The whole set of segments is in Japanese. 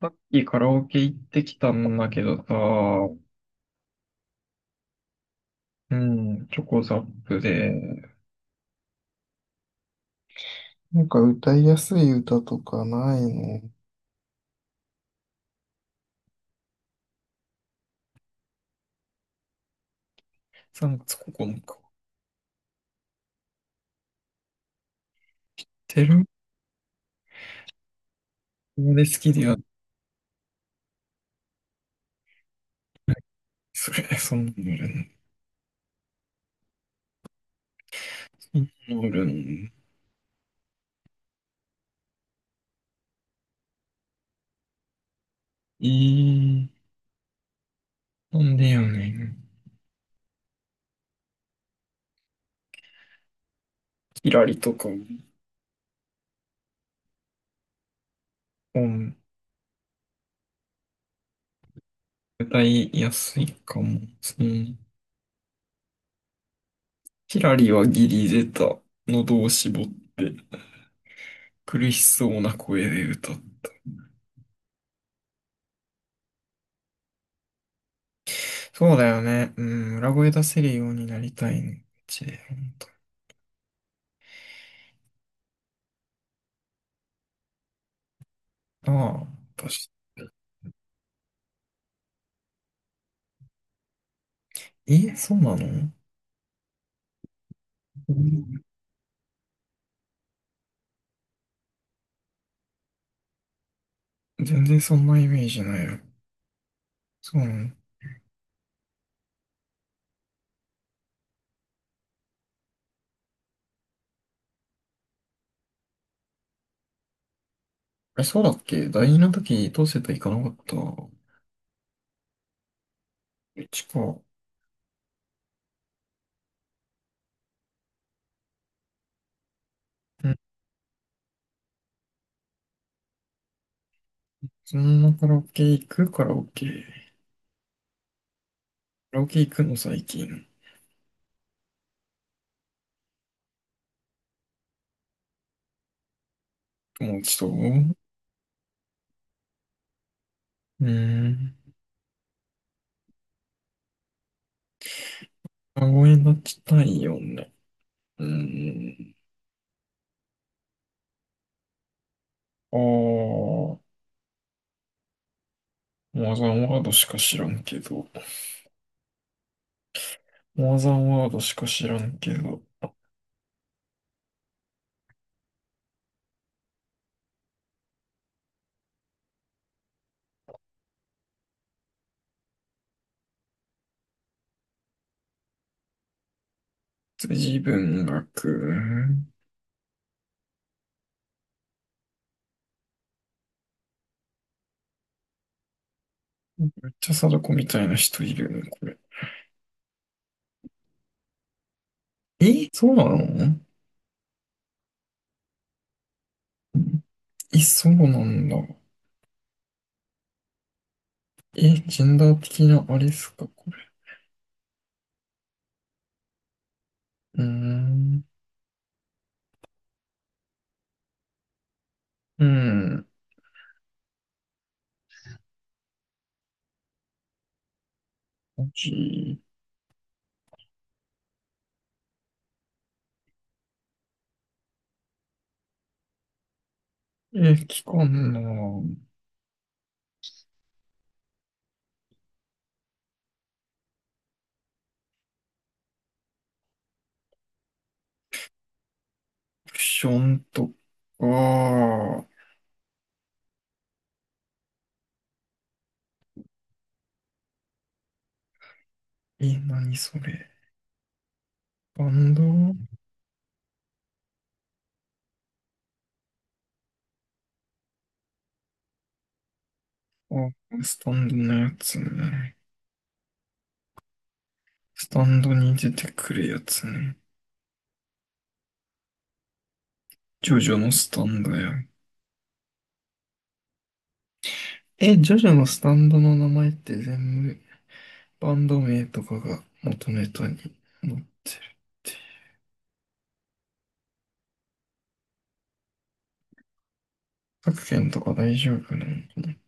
さっきカラオケ行ってきたんだけどさ、うん、チョコザップで、なんか歌いやすい歌とかない。テルマで好きでや、それ、そんなのおるン、そんなのおるの。いい、なんでやねん。キラリとか、うん、歌いやすいかも。うん。キラリはギリ出た。喉を絞って、苦しそうな声で歌って。そうだよね。うん、裏声出せるようになりたいね。うちでああ、確か。え、そうなの？全然そんなイメージないよ。そうなの？え、そうだっけ大事な時、どうせと行かなかった。うちか。うん。そんなカラオケ行くカラオケ。カラオケ行くの最近。友達と。うーん。あ、ごめんなっちたいよね。うーん。ああ、マザンワードしか知らんけど。マザンワードしか知らんけど。辻文学。めっちゃ貞子みたいな人いるね、これ。え、そうなの？え、そうなんだ。え、ジェンダー的なあれっすか、これ。うーん。うん。マジ？え、期間のオプションとか。え、何それ。スタンド。あ、スタンドのやつね。スタンドに出てくるやつね。ジョジョのスタンドや。え、ジョジョのスタンドの名前って全部バンド名とかが元ネタに載ってる。各県とか大丈夫なのかなって。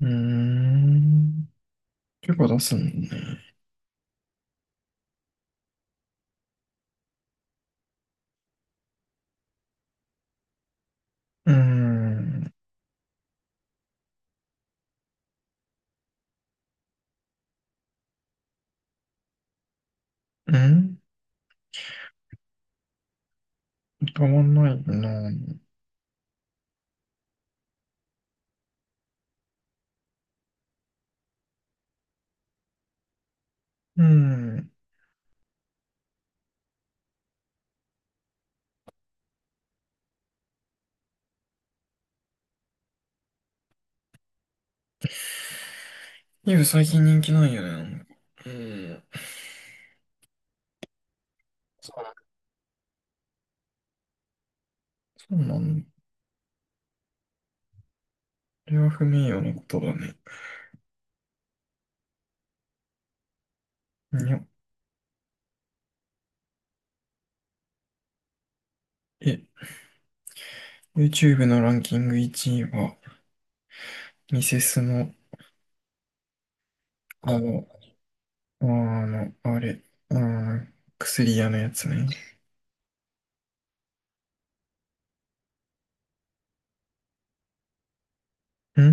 うーん。結構出すんだね。うーん。うん。たまんないな。うん。イブ最近人気ないよね。なんか。うん。そう、そうなんだ。これは不名誉なことだね。にょ。え、YouTube のランキング1位は、ミセスの、あの、あの、あれ、あー薬屋のやつね。ん、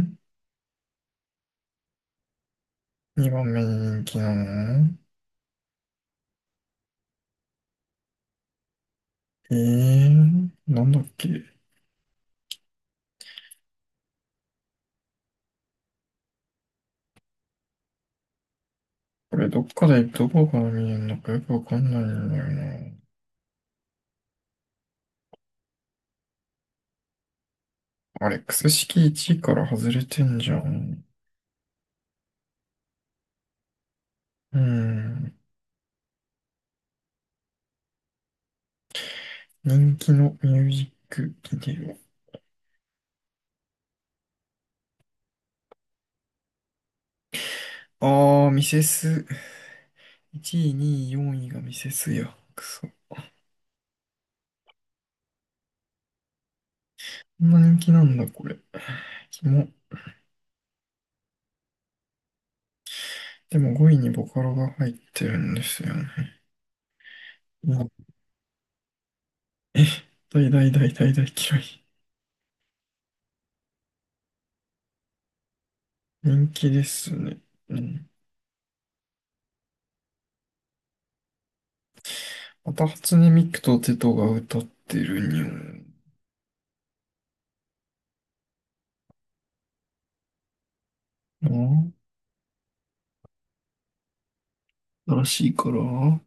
2番目にばんめ人気なの？えー、なんだっけ。これどっかでどこから見えるのかよくわかんないんだよな。アレックス式1位から外れてんじゃん。うん。人気のミュージックビデオ。あー、ミセス。1位、2位、4位がミセスや。くそ。こんな人気なんだ、これ。キモ。でも5位にボカロが入ってるんですよね。うん。え、大大大大大嫌い。人気ですね。うん。また初音ミクとテトが歌ってるにょな。新しいから。ん。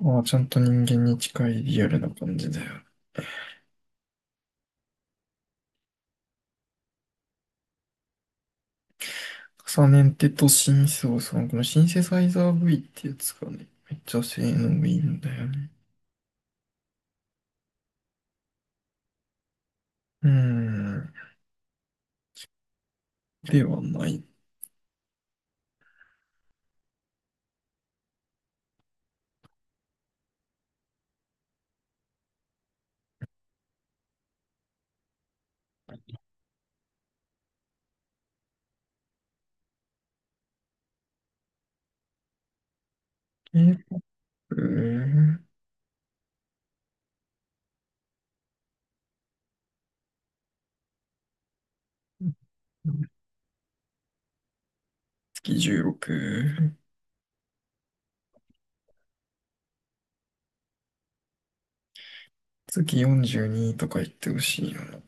ああ、ちゃんと人間に近いリアルな感じだよ。重ねてとシンセオさん、このシンセサイザー V ってやつがね、めっちゃ性能いいんだよね。うーん、ではない。え、うー月16、月42とか言ってほしいよな。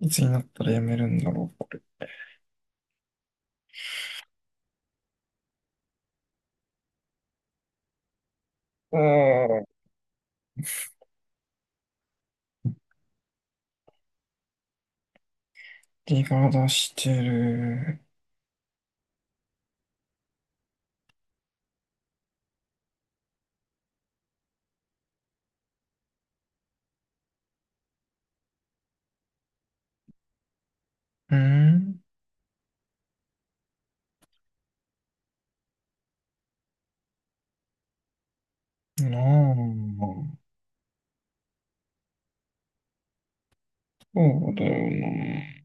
いつになったらやめるんだろうか。ああ、リが出してる。うーん。なあ、そうだよな。